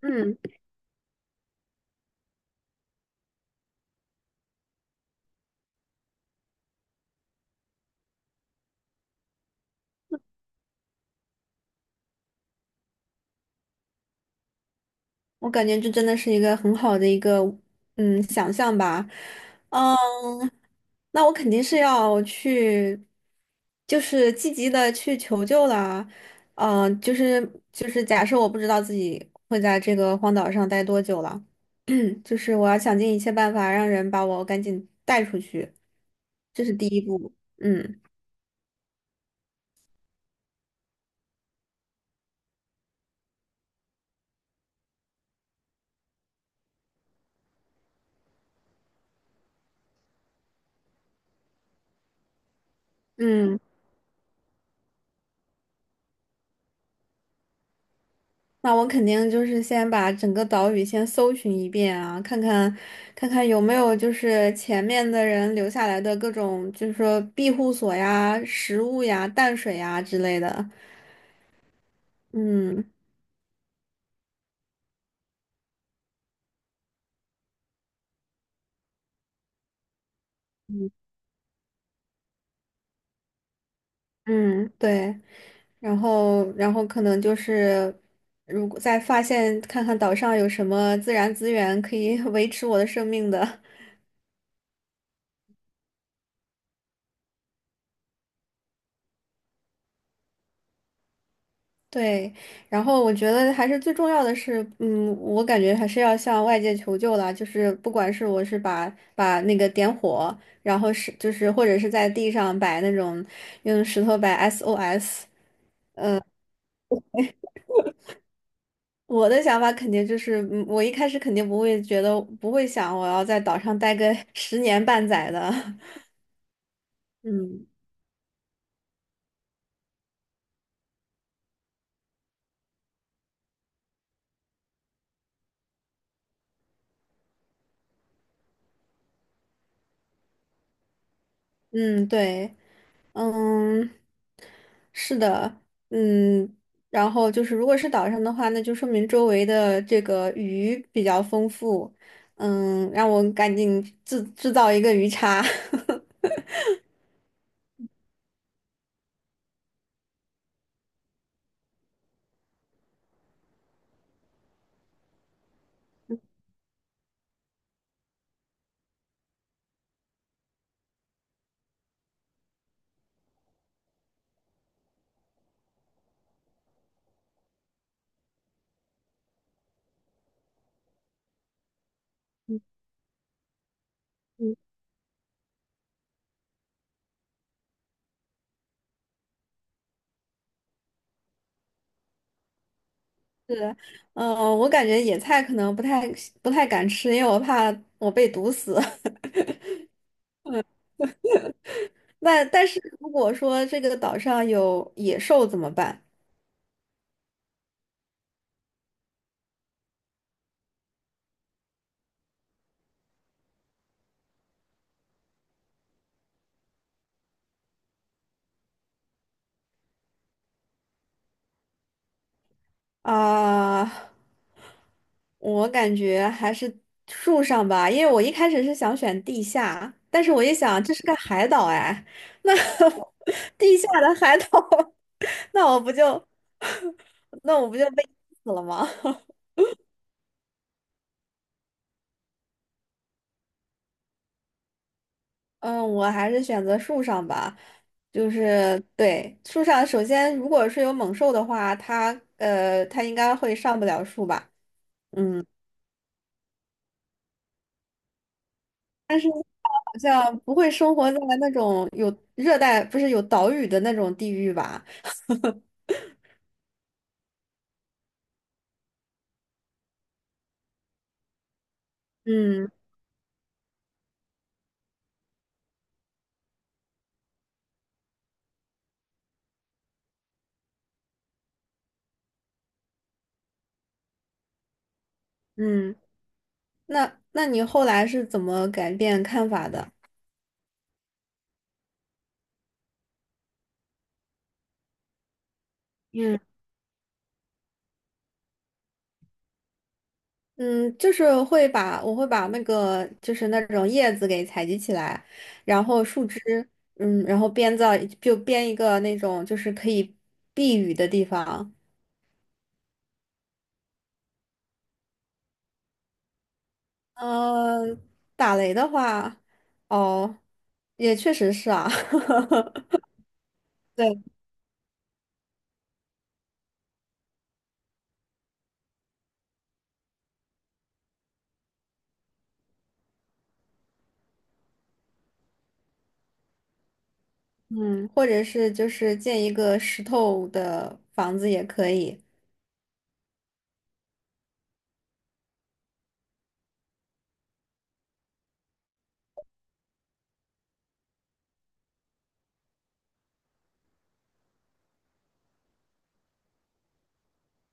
嗯，我感觉这真的是一个很好的一个想象吧。嗯，那我肯定是要去，就是积极的去求救啦。就是假设我不知道自己会在这个荒岛上待多久了，就是我要想尽一切办法让人把我赶紧带出去，这是第一步。嗯。嗯。那我肯定就是先把整个岛屿先搜寻一遍啊，看看有没有就是前面的人留下来的各种，就是说庇护所呀、食物呀、淡水呀之类的。嗯嗯，对。然后可能就是，如果再发现看看岛上有什么自然资源可以 维持我的生命的。对，然后我觉得还是最重要的是，我感觉还是要向外界求救啦，就是不管是我是把那个点火，然后是就是或者是在地上摆那种用石头摆 SOS。我的想法肯定就是，我一开始肯定不会想我要在岛上待个十年半载的。嗯嗯，对。嗯，是的。嗯，然后就是如果是岛上的话，那就说明周围的这个鱼比较丰富。让我赶紧制造一个鱼叉。是。嗯，我感觉野菜可能不太敢吃，因为我怕我被毒死。那但是如果说这个岛上有野兽怎么办？啊，我感觉还是树上吧，因为我一开始是想选地下，但是我一想这是个海岛哎。那 地下的海岛，那我不就 那我不就被淹死了吗？嗯，我还是选择树上吧。就是对树上，首先如果是有猛兽的话，它它应该会上不了树吧。嗯。但是好像不会生活在那种有热带，不是有岛屿的那种地域吧？嗯。嗯，那那你后来是怎么改变看法的？嗯嗯，就是会把那个就是那种叶子给采集起来，然后树枝，然后就编一个那种就是可以避雨的地方。嗯，打雷的话，哦，也确实是啊。对。嗯，或者是就是建一个石头的房子也可以。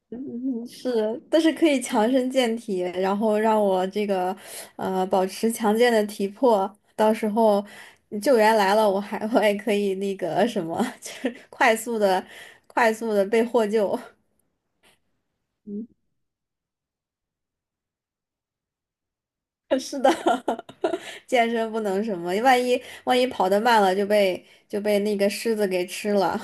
嗯是，但是可以强身健体，然后让我这个保持强健的体魄，到时候救援来了，我也可以那个什么，就是快速的被获救。是的。健身不能什么，万一跑得慢了就被那个狮子给吃了。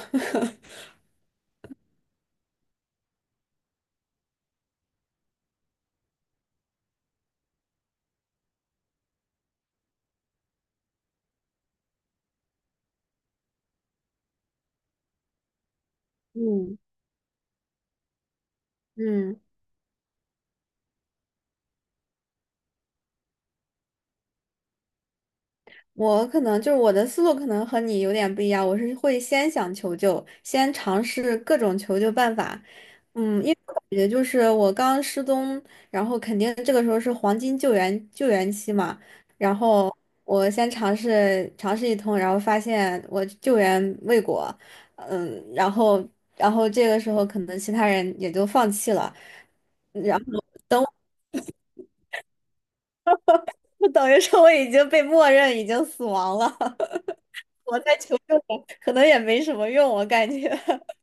嗯。嗯。我可能就是我的思路可能和你有点不一样，我是会先想求救，先尝试各种求救办法。嗯，因为我感觉就是我刚失踪，然后肯定这个时候是黄金救援期嘛。然后我先尝试一通，然后发现我救援未果。然后这个时候可能其他人也就放弃了，然后 就等于说我已经被默认已经死亡了。我在求救了可能也没什么用，我感觉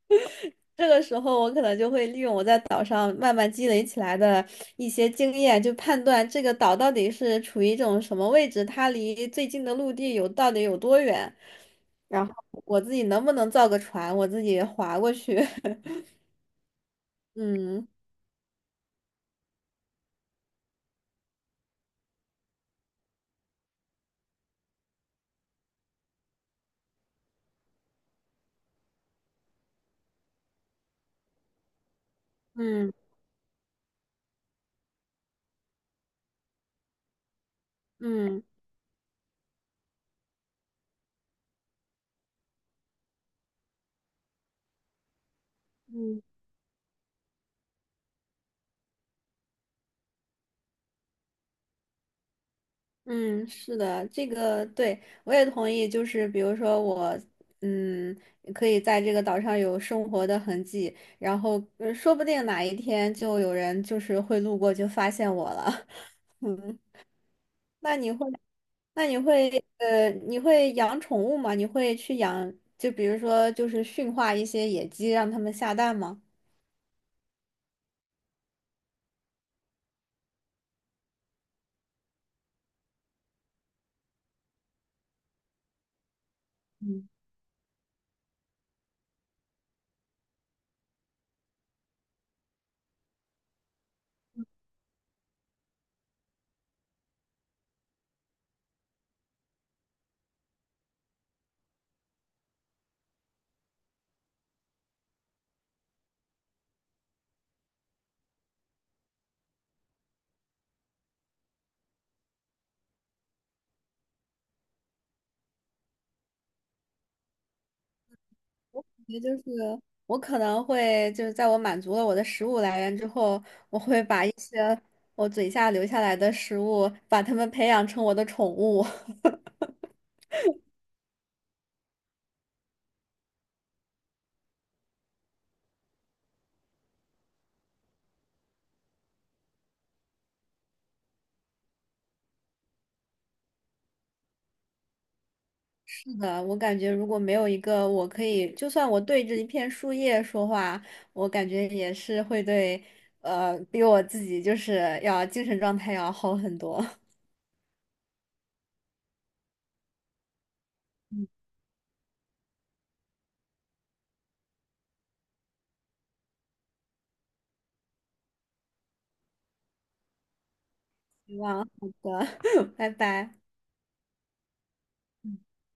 这个时候我可能就会利用我在岛上慢慢积累起来的一些经验，就判断这个岛到底是处于一种什么位置，它离最近的陆地到底有多远，然后我自己能不能造个船，我自己划过去。嗯。嗯，嗯嗯。嗯，是的，这个对，我也同意。就是比如说我，嗯，可以在这个岛上有生活的痕迹，然后说不定哪一天就有人就是会路过就发现我了。嗯，那你会，那你会，你会养宠物吗？你会去养，就比如说就是驯化一些野鸡，让它们下蛋吗？也就是我可能会就是在我满足了我的食物来源之后。我嘴下留下来的食物，把它们培养成我的宠物。是的，我感觉如果没有一个我可以，就算我对着一片树叶说话，我感觉也是比我自己就是要精神状态要好很多。希望好的。拜拜。